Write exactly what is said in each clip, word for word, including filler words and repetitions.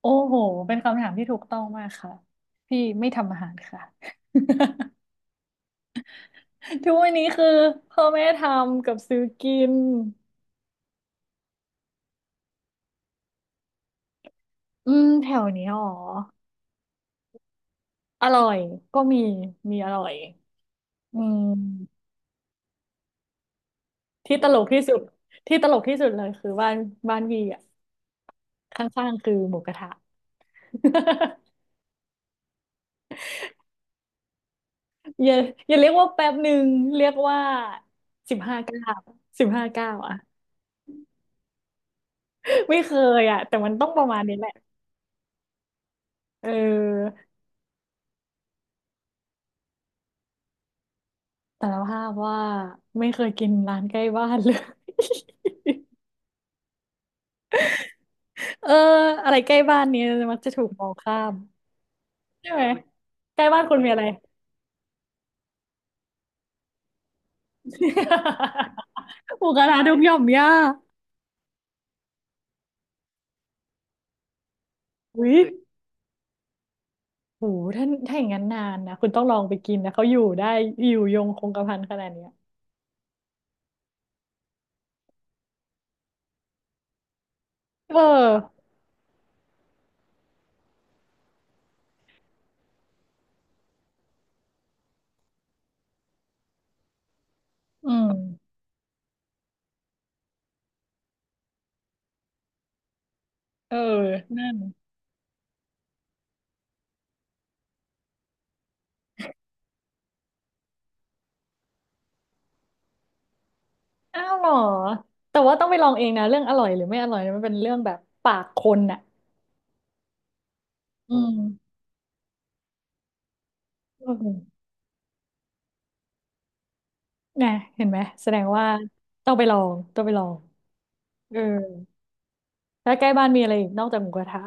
โอ้โห เป็นคำถามที่ถูกต้องมากค่ะพี่ไม่ทำอาหารค่ะ ทุกวันนี้คือพ่อแม่ทำกับซื้อกินอืมแถวนี้อ๋ออร่อยก็มี มีอร่อยอืมที่ตลกที่สุดที่ตลกที่สุดเลยคือบ้านบ้านวีอ่ะข้างๆคือหมูกระทะ อย่าอย่าเรียกว่าแป๊บหนึ่งเรียกว่าสิบห้าเก้าสิบห้าเก้าอ่ะ ไม่เคยอ่ะแต่มันต้องประมาณนี้แหละ เออ สารภาพว่าไม่เคยกินร้านใกล้บ้านเลย เอออะไรใกล้บ้านเนี้มักจะถูกมองข้ามใช่ไหมใกล้บ้านคุณมีอะไร หมูกระทะดงหย่อมย่าอุ้ยโหถ้าถ้าอย่างนั้นนานนะคุณต้องลองไปกินนะเขาอยู่ได้อยู่ยงคงกระพันขนาดเนี้ยเอออืมเออนั่นอ้าวเหรอแต่ว่าต้องไปลองเองนะเรื่องอร่อยหรือไม่อร่อยเนี่ยมันเป็นเรื่องแบบปากคนน่ะอืมอืม นะเห็นไหมแสดงว่าต้องไปลองต้องไปลองเออแล้วใกล้บ้านมีอะไรอีกนอกจากหมูกระทะ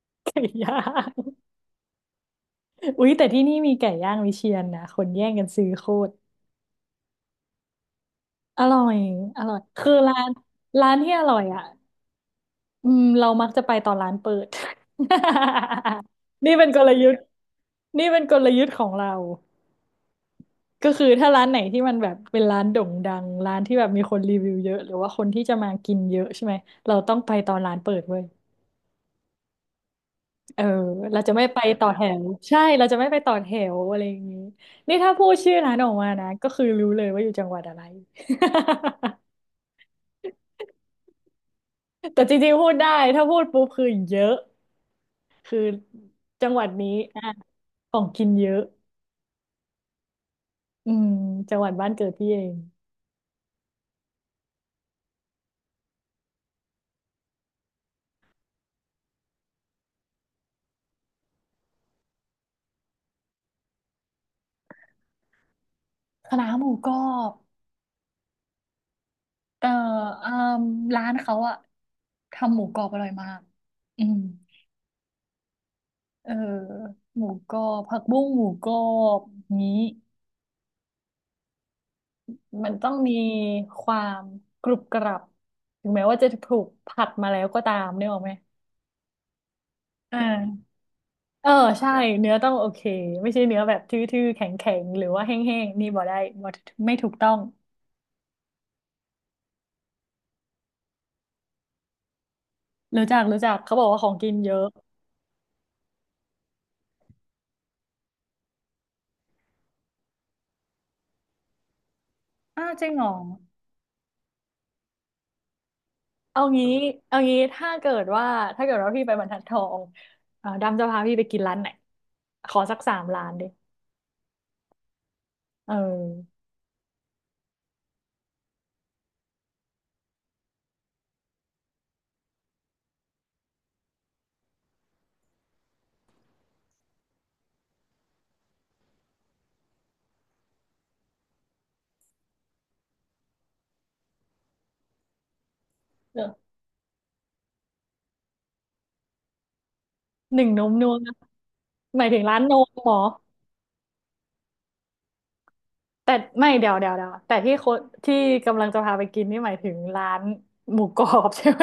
ไก่ย่างอุ๊ยแต่ที่นี่มีไก่ย่างวิเชียรนะคนแย่งกันซื้อโคตรอร่อยอร่อยคือร้านร้านที่อร่อยอ่ะอืมเรามักจะไปตอนร้านเปิด นี่เป็นกลยุทธ์นี่เป็นกลยุทธ์ของเราก็คือถ้าร้านไหนที่มันแบบเป็นร้านโด่งดังร้านที่แบบมีคนรีวิวเยอะหรือว่าคนที่จะมากินเยอะใช่ไหมเราต้องไปตอนร้านเปิดเว้ย เออเราจะไม่ไปต่อแถวใช่เราจะไม่ไปต่อแถวอะไรอย่างนี้นี่ถ้าพูดชื่อร้านออกมานะก็คือรู้เลยว่าอยู่จังหวัดอะไร แต่จริงๆพูดได้ถ้าพูดปุ๊บคือเยอะคือจังหวัดนี้อ่ะของกินเยอะอืมจังหวัดบ้านเกิดพี่เองคณะน้าหมูกรอบเอ่ออ่ามร้านเขาอะทำหมูกรอบอร่อยมากอืมเออหมูกรอบผักบุ้งหมูกรอบนี้ มันต้องมีความกรุบกรับถึงแม้ว่าจะถูกผัดมาแล้วก็ตามนึกออกไหมอ่าเออใช่เนื้อต้องโอเคไม่ใช่เนื้อแบบทื่อๆแข็งๆหรือว่าแห้งๆนี่บ่ได้บ่ไม่ถูกต้องรู้จักรู้จักเขาบอกว่าของกินเยอะอ้าวจริงเหรอเอางี้เอางี้ถ้าเกิดว่าถ้าเกิดว่าพี่ไปบรรทัดทองเอ่อดำจะพาพี่ไปกินร้านไหนขอสักสามร้านดิเออเออหนึ่งนมนัวหมายถึงร้านนมเหรอ แต่ไม่เดี๋ยวเดี๋ยวเดี๋ยวแต่ที่โคที่กำลังจะพาไปกินนี่หมายถึงร้านหมูกรอบใช่ไหม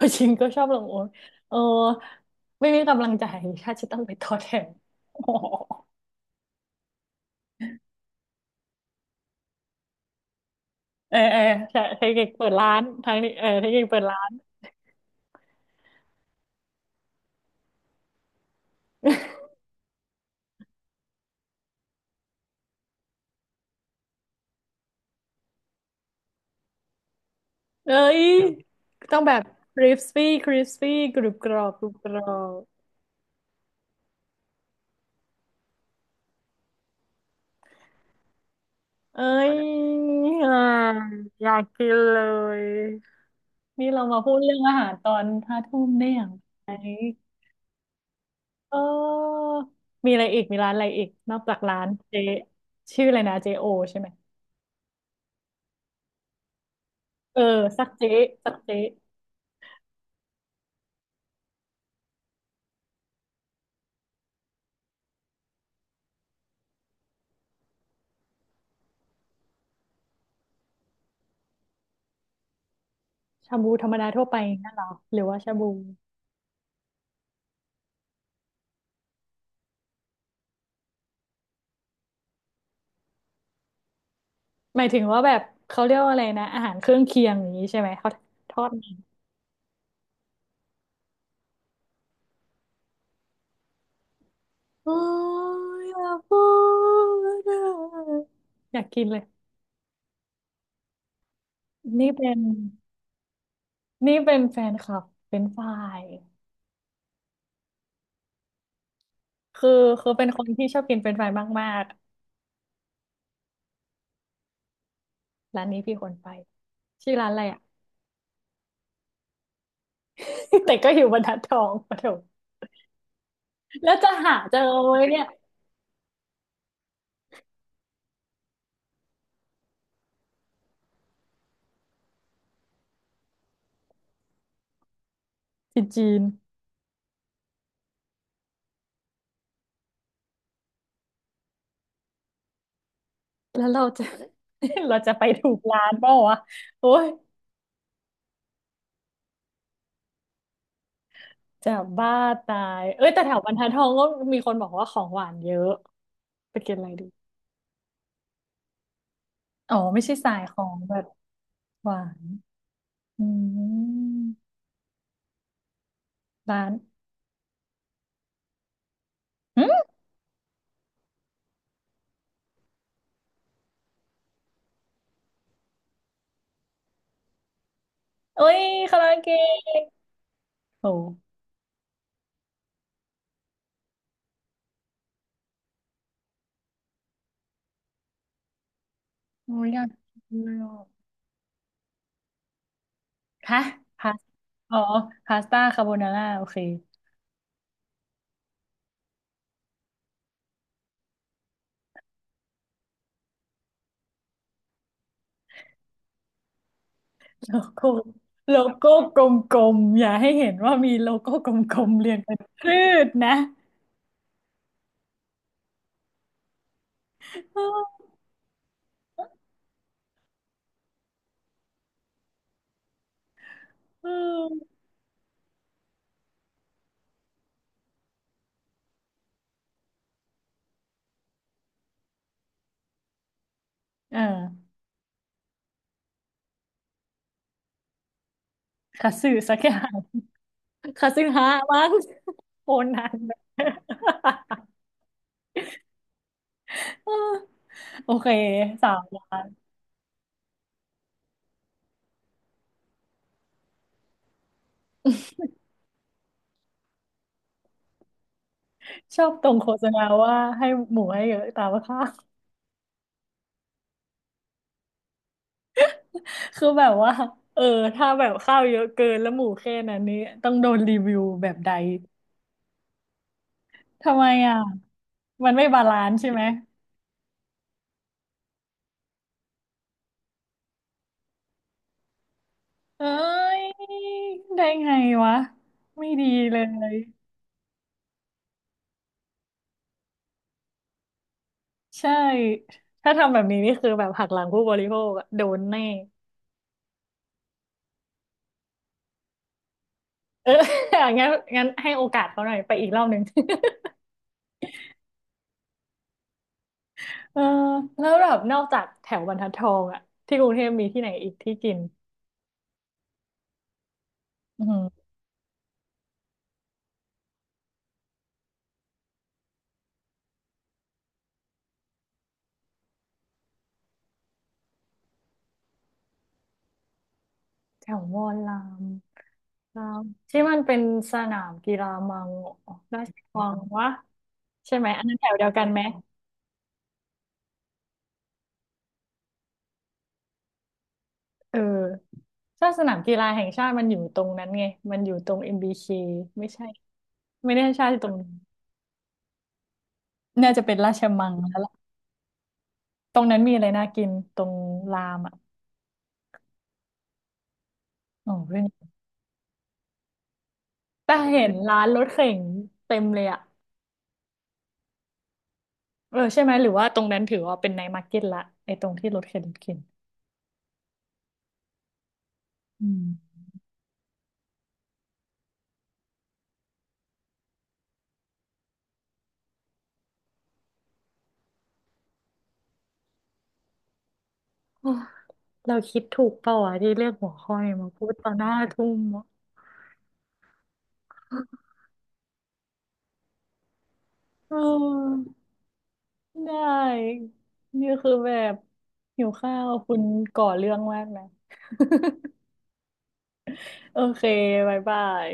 ชิงก็ชอบลงโอ๊ตเออไม่มีกำลังใจถ้าจะต้องไปทอดแทน โอ้โหเออเออใช่เทคนิคเปิดร้านทางนี้เออเทคนิคเปิดร้านเอ้ยต้องแบบ crispy crispy กรุบกรอบกรุบกรอบเอ้ยยอ่าอยากกินเลยนี่เรามาพูดเรื่องอาหารตอนห้าทุ่มได้อย่างไร เออ มีอะไรอีกมีร้านอะไรอีก นอกจากร้านเจชื่ออะไรนะเจโอใช่ไหมเออสักเจสักเจชาบูธรรมดาทั่วไปนั่นเหรอหรือว่าชาบูหมายถึงว่าแบบเขาเรียกว่าอะไรนะ อาหารเครื่องเคียงอย่างนี้ใช่ไหม เขาทอดมันโอ้ยอย่ากพูดอะอยากกินเลย นี่เป็นนี่เป็นแฟนคลับเป็นฝ่ายคือคือเป็นคนที่ชอบกินเป็นฝ่ายมากๆ ร้านนี้พี่คนไปชื่อร้านอะไรอะ แต่ก็อยู่บรรทัดทองปะโถแล้วจะหาเจอไหมเนี่ยที่จีนแล้วเราจะ เราจะไปถูกร้านเปล่าวะโอ้ยจะบ้าตายเอ้ยแต่แถวบรรทัดทองก็มีคนบอกว่าของหวานเยอะไปกินอะไรดีอ๋อไม่ใช่สายของแบบหวานอืมร้านอืมโอ้ยคาราโอเกะโอ้โอ้ยอยากกินเลยอ่ะฮะพาสอ๋อพาสต้าคาโบนาร่าโอเค โลโก้โลโก้กลมๆอย่าให้เห็นว่ามีโลโก้กลมๆเรียงเป็นคลืดนะเออเออเออคาสึสักอย่างคาสึฮะมั้งโอนันเออ โอเคสามล้านชอบตรงโฆษณาว่าให้หมูให้เยอะตามข้าวคือแบบว่าเออถ้าแบบข้าวเยอะเกินแล้วหมูแค่นั้นนี้ต้องโดนรีวิวแบบใดทำไมอ่ะมันไม่บาลานซ์ใช่ไหม เอ้ยได้ไงวะไม่ดีเลยใช่ถ้าทำแบบนี้นี่คือแบบหักหลังผู้บริโภคอะโดนแน่เออ งั้นงั้นให้โอกาสเขาหน่อยไปอีกรอบหนึ่ง เออแล้วแบบนอกจากแถวบรรทัดทองอะที่กรุงเทพมีที่ไหนอีกที่กินอืมแถวมอลรามรามที่มันเป็นสนามกีฬามังราชวังวะใช่ไหมอันนั้นแถวเดียวกันไหม เออถ้าสนามกีฬาแห่งชาติมันอยู่ตรงนั้นไง มันอยู่ตรง เอ็ม บี เค ไม่ใช่ไม่ได้ให้ชาติตรงนั้นน่าจะเป็นราชมังแล้วล่ะตรงนั้นมีอะไรน่ากินตรงรามอ่ะอ๋อเพื่อนแต่เห็นร้านรถเข็นเต็มเลยอ่ะเออใช่ไหมหรือว่าตรงนั้นถือว่าเป็นไนท์มาร์เก็ตละไอ้ตรงที่รถเข็นรถเข็นอืมโอ้เราคิดถูกเปล่าวะที่เลือกหัวข้อนี้มาพูดตอนหน้าทุ่มอะเออได้นี่คือแบบหิวข้าวคุณก่อเรื่องมากนะ โอเคบ๊ายบาย